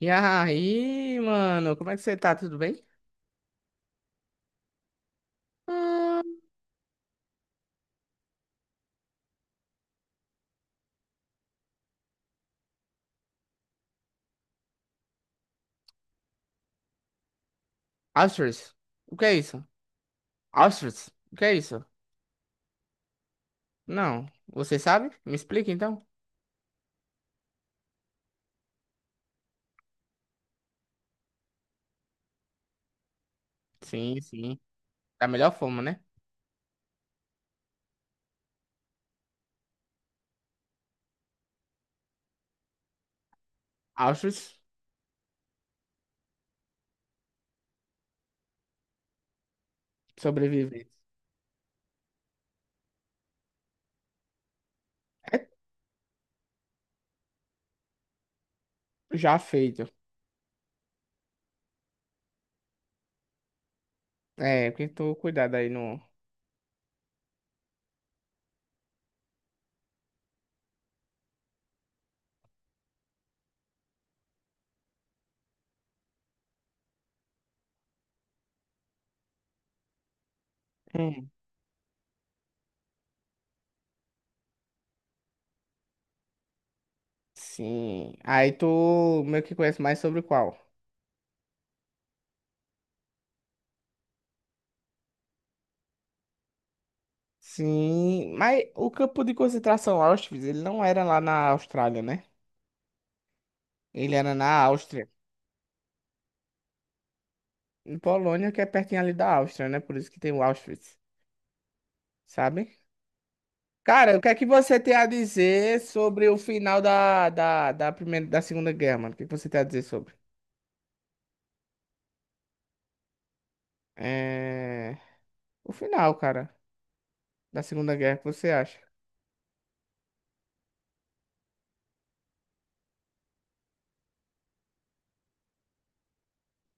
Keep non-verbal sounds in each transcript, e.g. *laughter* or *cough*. E aí, mano, como é que você tá? Tudo bem? Ah, Astros. O que é isso? Astros. O que é isso? Não. Você sabe? Me explica então. Sim, sim. Da melhor forma, né? Astros sobreviver. É já feito. É, porque tu cuidado aí no. Hum. Sim. Aí tu meio que conhece mais sobre qual? Sim, mas o campo de concentração Auschwitz, ele não era lá na Austrália, né? Ele era na Áustria. Em Polônia, que é pertinho ali da Áustria, né? Por isso que tem o Auschwitz, sabe? Cara, o que é que você tem a dizer sobre o final da primeira, da Segunda Guerra, mano? O que é que você tem a dizer sobre? É... O final, cara, da Segunda Guerra, o que você acha?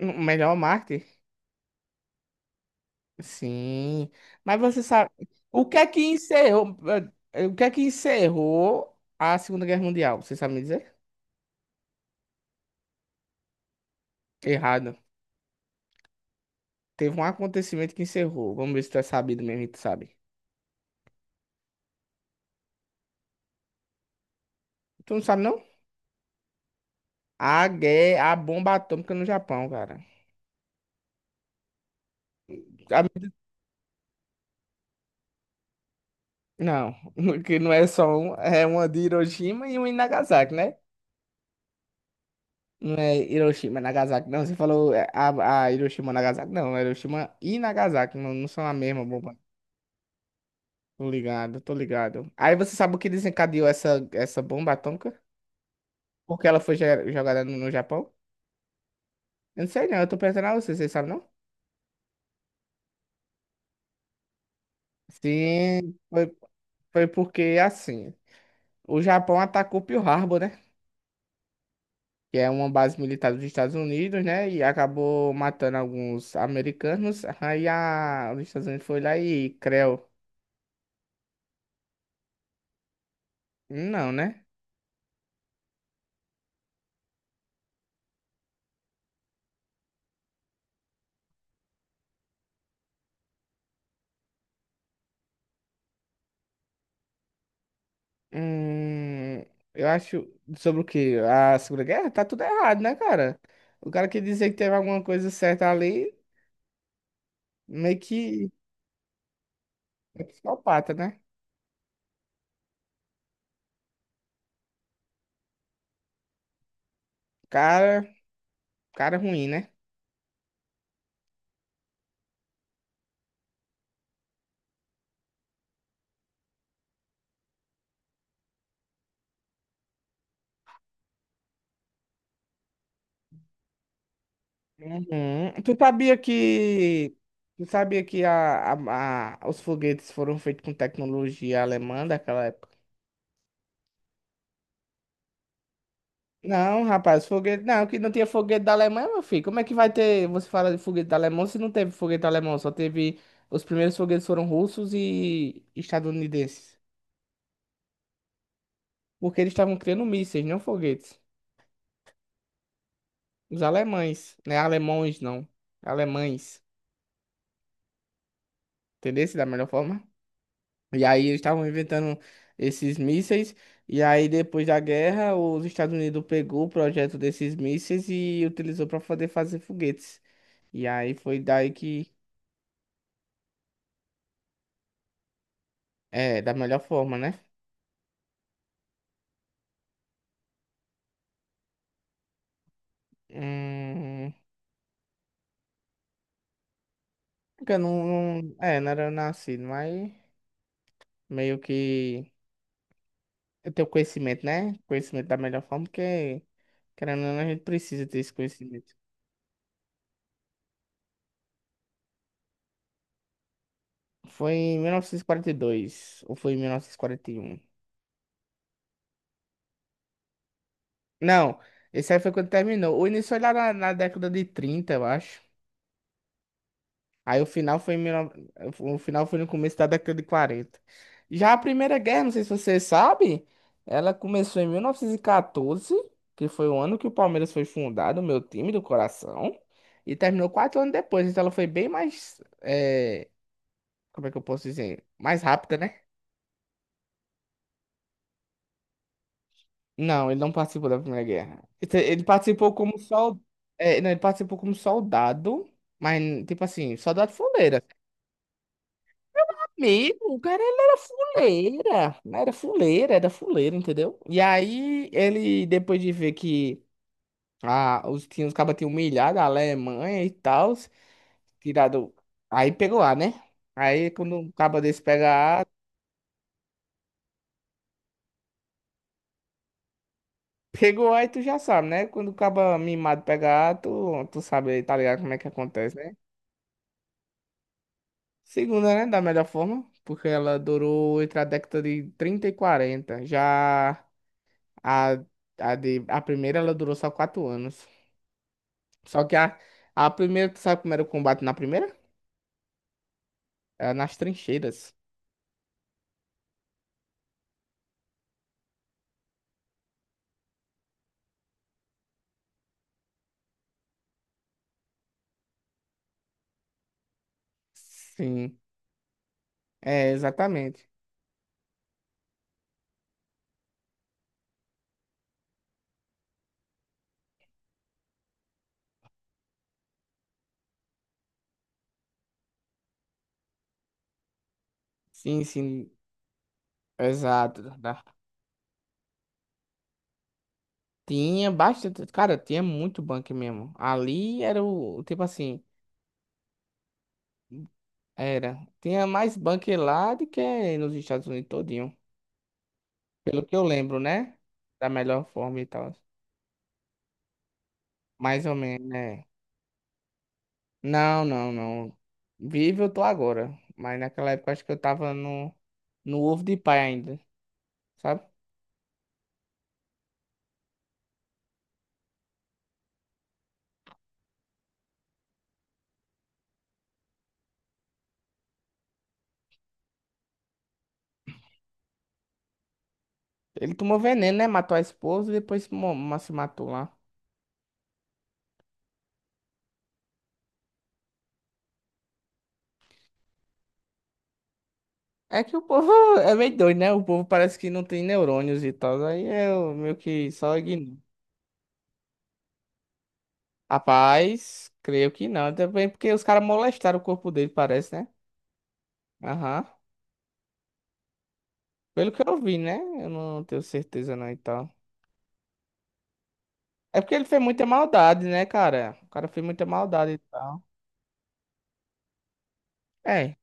O melhor Marte? Sim. Mas você sabe, o que é que encerrou, o que é que encerrou a Segunda Guerra Mundial? Você sabe me dizer? Errado. Teve um acontecimento que encerrou. Vamos ver se tu é sabido mesmo, e tu sabe. Tu não sabe, não? A guerra, a bomba atômica no Japão, cara. A- Não, *laughs* que não é só um, é uma de Hiroshima e uma em Nagasaki, né? Não é Hiroshima, Nagasaki, não. Você falou é, a Hiroshima, Nagasaki, não. É Hiroshima e Nagasaki, não, não são a mesma bomba. Tô ligado, tô ligado. Aí você sabe o que desencadeou essa bomba atômica? Porque ela foi ge- jogada no Japão? Eu não sei não, eu tô perguntando a você, vocês sabem não? Sim, foi porque assim, o Japão atacou Pearl Harbor, né? Que é uma base militar dos Estados Unidos, né? E acabou matando alguns americanos. Aí a, os Estados Unidos foi lá e creu. Não, né? Hum, eu acho sobre o quê? A Segunda Guerra? Tá tudo errado, né, cara? O cara que dizer que teve alguma coisa certa ali, meio que é psicopata, né? Cara, cara ruim, né? Uhum. Tu sabia que a- os foguetes foram feitos com tecnologia alemã daquela época? Não, rapaz, foguete. Não, que não tinha foguete da Alemanha, meu filho. Como é que vai ter. Você fala de foguete da Alemanha se não teve foguete alemão? Só teve. Os primeiros foguetes foram russos e estadunidenses. Porque eles estavam criando mísseis, não foguetes. Os alemães, né? Alemões, não. Alemães. Entendeu? Da melhor forma. E aí eles estavam inventando esses mísseis. E aí, depois da guerra, os Estados Unidos pegou o projeto desses mísseis e utilizou para poder fazer foguetes. E aí foi daí que. É, da melhor forma, né? Hum, porque eu não, não- É, não era nascido, mas meio que. Eu tenho conhecimento, né? Conhecimento da melhor forma, porque, querendo ou não, a gente precisa ter esse conhecimento. Foi em 1942, ou foi em 1941? Não, esse aí foi quando terminou. O início foi lá na, na década de 30 eu acho. Aí o final foi em 19, o final foi no começo da década de 40. Já a Primeira Guerra, não sei se você sabe, ela começou em 1914, que foi o ano que o Palmeiras foi fundado, o meu time do coração, e terminou quatro anos depois. Então ela foi bem mais, como é que eu posso dizer? Mais rápida, né? Não, ele não participou da Primeira Guerra. Ele participou como sol, não, ele participou como soldado, mas tipo assim, soldado fuleiro. Amigo, cara, ele era fuleira, era fuleira, era fuleira, entendeu? E aí, ele, depois de ver que ah, os, tinha, os cabas tinham humilhado a Alemanha e tal, tirado, aí pegou A, né? Aí, quando um caba desse pega A, pegou A e tu já sabe, né? Quando o caba mimado pega A, tu sabe, tá ligado como é que acontece, né? Segunda, né? Da melhor forma, porque ela durou entre a década de 30 e 40 já a... A, de, a primeira ela durou só quatro anos. Só que a primeira, tu sabe como era o combate na primeira? Era nas trincheiras. Sim, é, exatamente. Sim, sim, exato. Da- Tinha bastante, cara, tinha muito bunker mesmo. Ali era o, tipo assim, era. Tinha mais bunker lá do que nos Estados Unidos todinho. Pelo que eu lembro, né? Da melhor forma e tal. Mais ou menos, né? Não, não, não. Vivo eu tô agora. Mas naquela época acho que eu tava no, no ovo de pai ainda, sabe? Ele tomou veneno, né? Matou a esposa e depois mo- ma- se matou lá. É que o povo *laughs* é meio doido, né? O povo parece que não tem neurônios e tal. Aí eu meio que só ignoro. Rapaz, creio que não. Também porque os caras molestaram o corpo dele, parece, né? Aham. Pelo que eu vi, né? Eu não tenho certeza não e tal. É porque ele fez muita maldade, né, cara? O cara fez muita maldade e tal. É.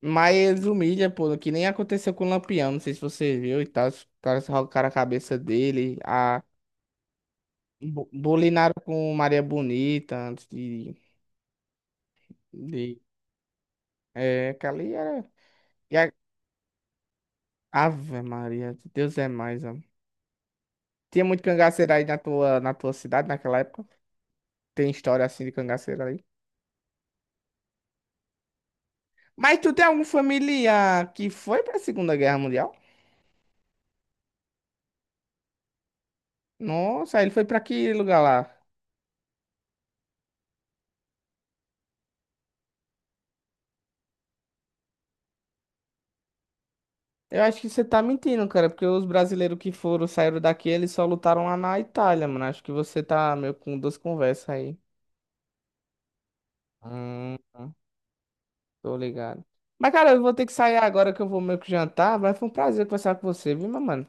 Mas eles humilham, pô, que nem aconteceu com o Lampião, não sei se você viu e tal. Os caras arrancaram a cabeça dele. Bo- Bolinaram com Maria Bonita antes de... É, que ali era... E a... Ave Maria, Deus é mais, amor. Tinha muito cangaceiro aí na tua cidade naquela época? Tem história assim de cangaceiro aí? Mas tu tem algum familiar que foi pra Segunda Guerra Mundial? Nossa, ele foi pra que lugar lá? Eu acho que você tá mentindo, cara, porque os brasileiros que foram, saíram daqui, eles só lutaram lá na Itália, mano. Acho que você tá meio com duas conversas aí. Hum. Tô ligado. Mas, cara, eu vou ter que sair agora que eu vou meio que jantar. Mas foi um prazer conversar com você, viu, meu mano?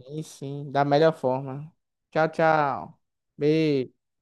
Sim, sim, da melhor forma. Tchau, tchau. Beijo.